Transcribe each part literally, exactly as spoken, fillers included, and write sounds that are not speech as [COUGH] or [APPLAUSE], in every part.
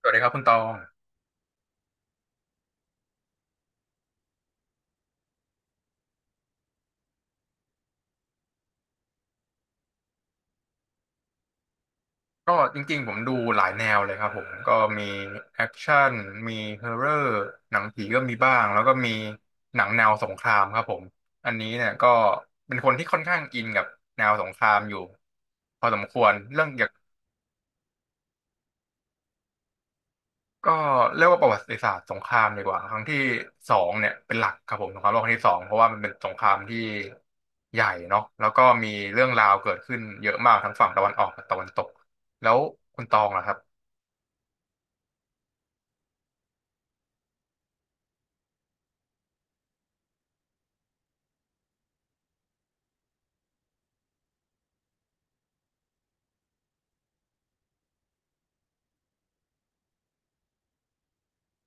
สวัสดีครับคุณตองก็จริงๆผมดูหลายแนวเลยครับผมก็มีแอคชั่นมีฮอร์เรอร์หนังผีก็มีบ้างแล้วก็มีหนังแนวสงครามครับผมอันนี้เนี่ยก็เป็นคนที่ค่อนข้างอินกับแนวสงครามอยู่พอสมควรเรื่องอยากก็เรียกว่าประวัติศาสตร์สงครามดีกว่าครั้งที่สองเนี่ยเป็นหลักครับผมสงครามโลกครั้งที่สองเพราะว่ามันเป็นสงครามที่ใหญ่เนาะแล้วก็มีเรื่องราวเกิดขึ้นเยอะมากทั้งฝั่งตะวันออกกับตะวันตกแล้วคุณตองล่ะครับ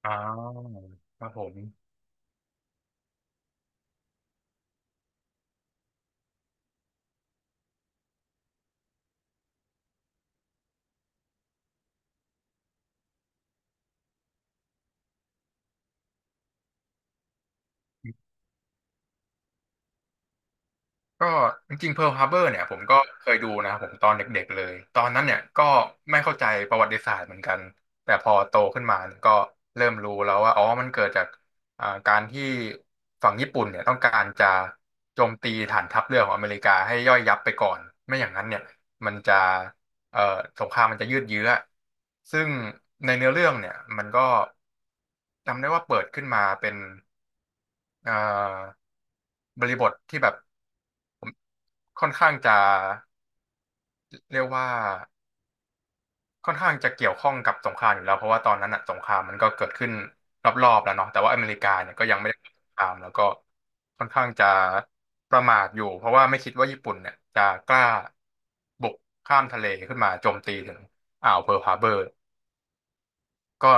อ๋อครับผมก็จริงๆ Pearl Harbor เนี่ยผมก็เคยดูนะครับผมตอนเด็กๆเลยตอนนั้นเนี่ยก็ไม่เข้าใจประวัติศาสตร์เหมือนกันแต่พอโตขึ้นมาเนี่ยก็เริ่มรู้แล้วว่าอ๋อมันเกิดจากอ่าการที่ฝั่งญี่ปุ่นเนี่ยต้องการจะโจมตีฐานทัพเรือของอเมริกาให้ย่อยยับไปก่อนไม่อย่างนั้นเนี่ยมันจะเอ่อสงครามมันจะยืดเยื้อซึ่งในเนื้อเรื่องเนี่ยมันก็จำได้ว่าเปิดขึ้นมาเป็นเอ่อ บริบทที่แบบผมค่อนข้างจะเรียกว่าค่อนข้างจะเกี่ยวข้องกับสงครามอยู่แล้วเพราะว่าตอนนั้นอะสงครามมันก็เกิดขึ้นรอบๆแล้วเนาะแต่ว่าอเมริกาเนี่ยก็ยังไม่ได้เกิดสงครามแล้วก็ค่อนข้างจะประมาทอยู่เพราะว่าไม่คิดว่าญี่ปุ่นเนี่ยจะกล้าบุกข้ามทะเลขึ้นมาโจมตีถึงอ่าวเพิร์ลฮาร์เบอร์ก็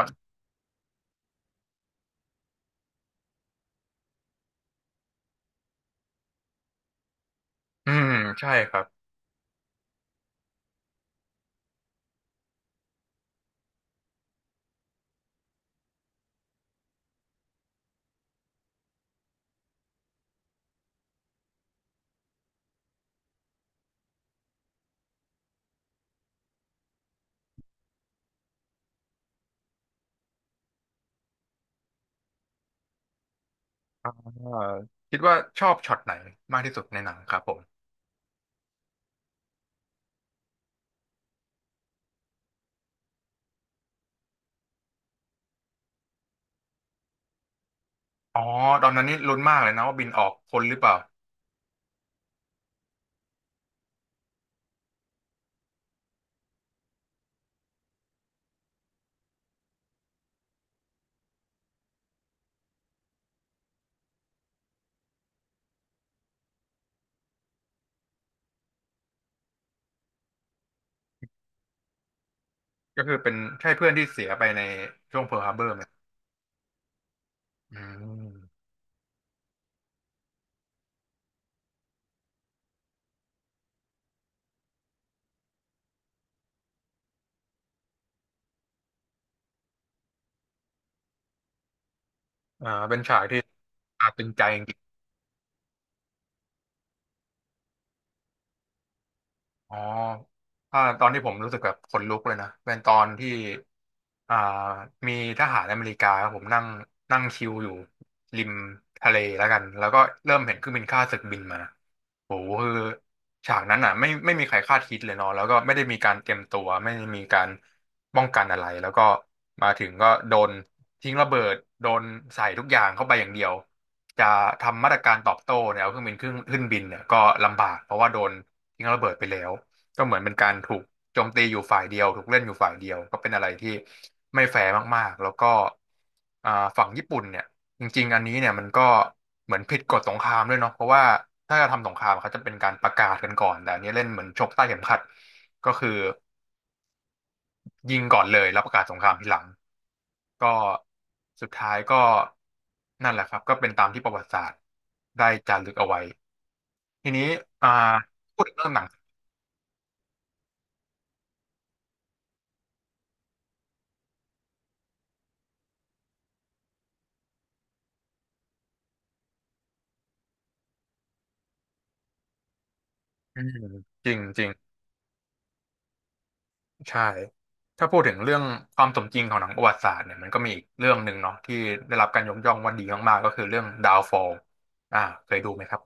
อืมใช่ครับเอ่อคิดว่าชอบช็อตไหนมากที่สุดในหนังครับผมอ๋อตอนนั้นนี่ลุ้นมากเลยนะว่าบินออกพ้นหรือเปล่า ก็คือเป็นใช่เพื่อนที่เสียไปในช่วงเพิร์ลฮาร์เบอร์ไหมอืมอ่าเป็นฉากที่อาจตึงใจ อ๋ออ่าตอนที่ผมรู้สึกแบบขนลุกเลยนะเป็นตอนที่อ่ามีทหารอเมริกาครับผมนั่งนั่งชิลอยู่ริมทะเลแล้วกันแล้วก็เริ่มเห็นเครื่องบินข้าศึกบินมาโหคือฉากนั้นอ่ะไม่ไม่มีใครคาดคิดเลยเนาะแล้วก็ไม่ได้มีการเตรียมตัวไม่ได้มีการป้องกันอะไรแล้วก็มาถึงก็โดนทิ้งระเบิดโดนใส่ทุกอย่างเข้าไปอย่างเดียวจะทำมาตรการตอบโต้เนี่ยเอาเครื่องบินขึ้นขึ้นบินเนี่ยก็ลำบากเพราะว่าโดน ทิ้งระเบิดไปแล้วก็เหมือนเป็นการถูกโจมตีอยู่ฝ่ายเดียวถูกเล่นอยู่ฝ่ายเดียวก็เป็นอะไรที่ไม่แฟร์มากๆแล้วก็อ่าฝั่งญี่ปุ่นเนี่ยจริงๆอันนี้เนี่ยมันก็เหมือนผิดกฎสงครามด้วยเนาะเพราะว่าถ้าจะทำสงครามเขาจะเป็นการประกาศกันก่อนแต่อันนี้เล่นเหมือนชกใต้เข็มขัดก็คือยิงก่อนเลยแล้วประกาศสงครามทีหลังก็สุดท้ายก็นั่นแหละครับก็เป็นตามที่ประวัติศาสตร์ได้จารึกเอาไว้ทีนี้อ่าพูดถึงเรื่องหนังอืมจริงๆ ใช่ ถ้าพูดถึงเรื่องความสมจริงของหนังประวัติศาสตร์เนี่ยมันก็มีอีกเรื่องหนึ่งเนาะที่ได้รับการยกย่องว่าดีมากๆก็คือเรื่อง Downfall อ่าเคยดูไหมครับ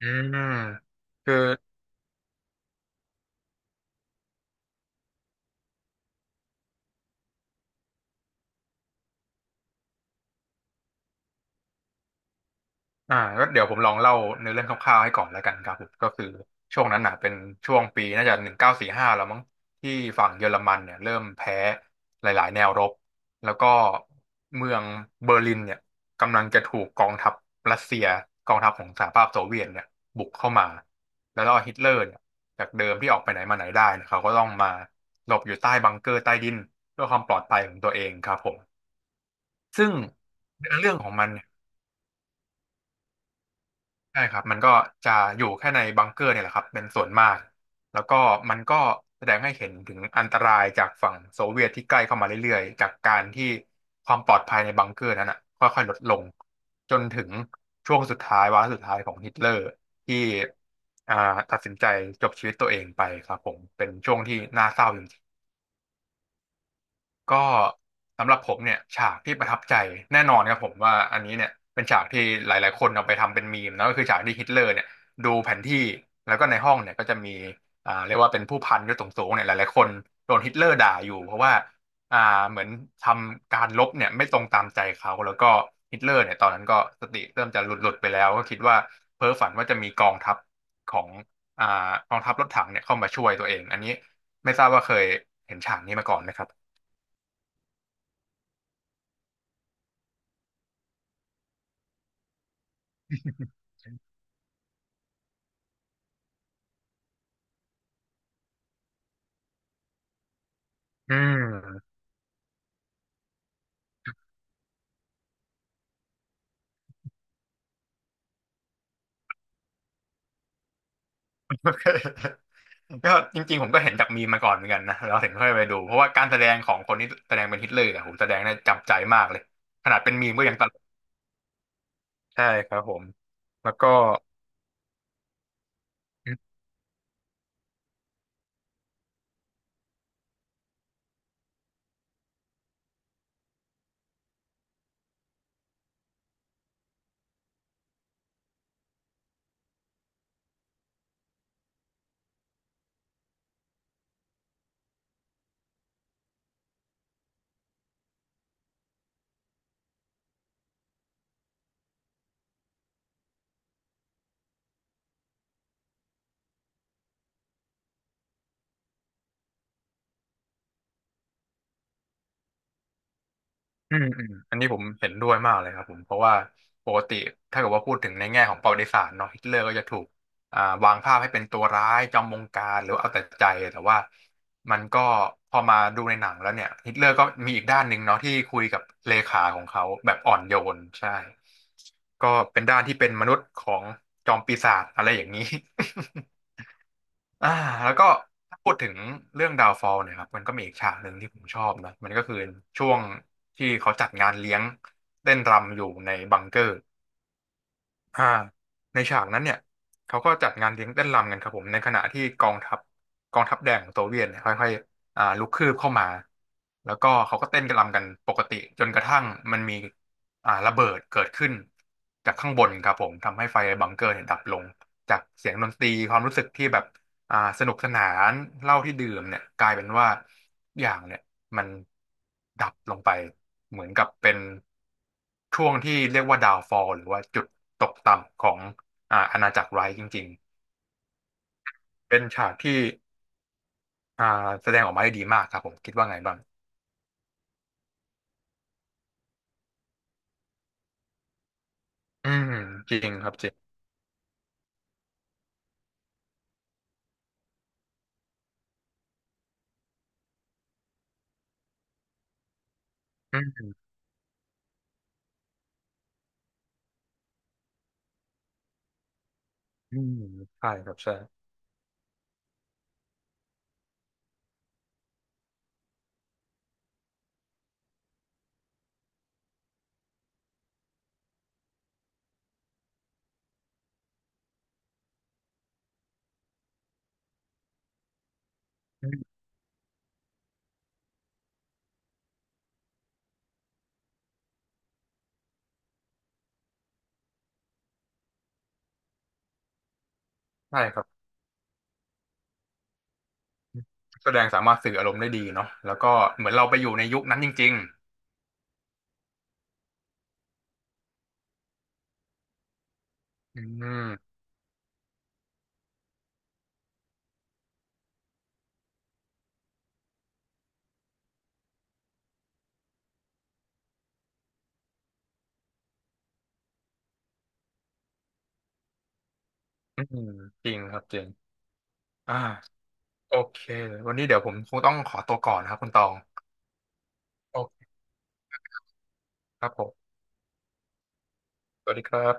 อืมคือ อ่าก็เดี๋ยวผมลองเล่าเนื้อเรื่องคร่าวๆให้ก่อนแล้วกันครับผมก็คือช่วงนั้นน่ะเป็นช่วงปีน่าจะหนึ่งเก้าสี่ห้าแล้วมั้งที่ฝั่งเยอรมันเนี่ยเริ่มแพ้หลายๆแนวรบแล้วก็เมืองเบอร์ลินเนี่ยกำลังจะถูกกองทัพรัสเซียกองทัพของสหภาพโซเวียตเนี่ยบุกเข้ามาแล้วก็ฮิตเลอร์เนี่ยจากเดิมที่ออกไปไหนมาไหนได้เนยเขาก็ต้องมาหลบอยู่ใต้บังเกอร์ใต้ดินเพื่อความปลอดภัยของตัวเองครับผมซึ่งเนื้อเรื่องของมัน ใช่ครับมันก็จะอยู่แค่ในบังเกอร์เนี่ยแหละครับเป็นส่วนมากแล้วก็มันก็แสดงให้เห็นถึงอันตรายจากฝั่งโซเวียตที่ใกล้เข้ามาเรื่อยๆจากการที่ความปลอดภัยในบังเกอร์นั้นอ่ะค่อยๆลดลงจนถึงช่วงสุดท้ายวาระสุดท้ายของฮิตเลอร์ที่อ่าตัดสินใจจบชีวิตตัวเองไปครับผมเป็นช่วงที่น่าเศร้าจริงๆ ก็สำหรับผมเนี่ยฉากที่ประทับใจแน่นอนครับผมว่าอันนี้เนี่ยเป็นฉากที่หลายๆคนเอาไปทำเป็นมีมนะก็คือฉากที่ฮิตเลอร์เนี่ยดูแผนที่แล้วก็ในห้องเนี่ยก็จะมีอ่าเรียกว่าเป็นผู้พันยศสูงๆเนี่ยหลายๆคนโดนฮิตเลอร์ด่าอยู่เพราะว่าอ่าเหมือนทำการรบเนี่ยไม่ตรงตามใจเขาแล้วก็ฮิตเลอร์เนี่ยตอนนั้นก็สติเริ่มจะหลุดๆไปแล้วก็คิดว่าเพ้อฝันว่าจะมีกองทัพของอ่ากองทัพรถถังเนี่ยเข้ามาช่วยตัวเองอันนี้ไม่ทราบว่าเคยเห็นฉากนี้มาก่อนไหมครับ อืมโอเคก็จริงๆผมก็เห็นจากมีมมาก่อนเหมือนกันนะเราถึงค่อยไปดูเพราะว่าการแสดงของคนที่แสดงเป็นฮิตเลอร์เนี่ยโหแสดงได้จับใจมากเลยขนาดเป็นมีมก็ยังตลกใช่ครับผมแล้วก็ อืมอืมอันนี้ผมเห็นด้วยมากเลยครับผมเพราะว่าปกติถ้าเกิดว่าพูดถึงในแง่ของประวัติศาสตร์เนาะฮิตเลอร์ก็จะถูกอ่าวางภาพให้เป็นตัวร้ายจอมบงการหรือว่าเอาแต่ใจแต่ว่ามันก็พอมาดูในหนังแล้วเนี่ยฮิตเลอร์ก็มีอีกด้านหนึ่งเนาะที่คุยกับเลขาของเขาแบบอ่อนโยนใช่ก็เป็นด้านที่เป็นมนุษย์ของจอมปีศาจอะไรอย่างนี้ [LAUGHS] อ่าแล้วก็ถ้าพูดถึงเรื่องดาวฟอลเนี่ยครับมันก็มีอีกฉากหนึ่งที่ผมชอบนะมันก็คือช่วงที่เขาจัดงานเลี้ยงเต้นรำอยู่ในบังเกอร์ อ่าในฉากนั้นเนี่ยเขาก็จัดงานเลี้ยงเต้นรำกันครับผมในขณะที่กองทัพกองทัพแดงของโซเวียตเนี่ยค่อยๆอ่าลุกคืบเข้ามาแล้วก็เขาก็เต้นกันรำกันปกติจนกระทั่งมันมีอ่าระเบิดเกิดขึ้นจากข้างบนครับผมทำให้ไฟในบังเกอร์เนี่ยดับลงจากเสียงดนตรีความรู้สึกที่แบบอ่าสนุกสนานเหล้าที่ดื่มเนี่ยกลายเป็นว่า อย่างเนี่ยมันดับลงไปเหมือนกับเป็นช่วงที่เรียกว่าดาวฟอลหรือว่าจุดตกต่ำของอ่าอาณาจักรไรท์จริงๆเป็นฉากที่อ่าแสดงออกมาได้ดีมากครับผมคิดว่าไงบ้างอืมจริงครับจริงอืมอืมใช่ครับใช่อืมใช่ครับแสดงสามารถสื่ออารมณ์ได้ดีเนาะแล้วก็เหมือนเราไปอยู่ในยุคนั้นจริงๆอืมอืมจริงครับจริงอ่าโอเควันนี้เดี๋ยวผมคงต้องขอตัวก่อนนะครับคุณตอง ครับผมสวัสดีครับ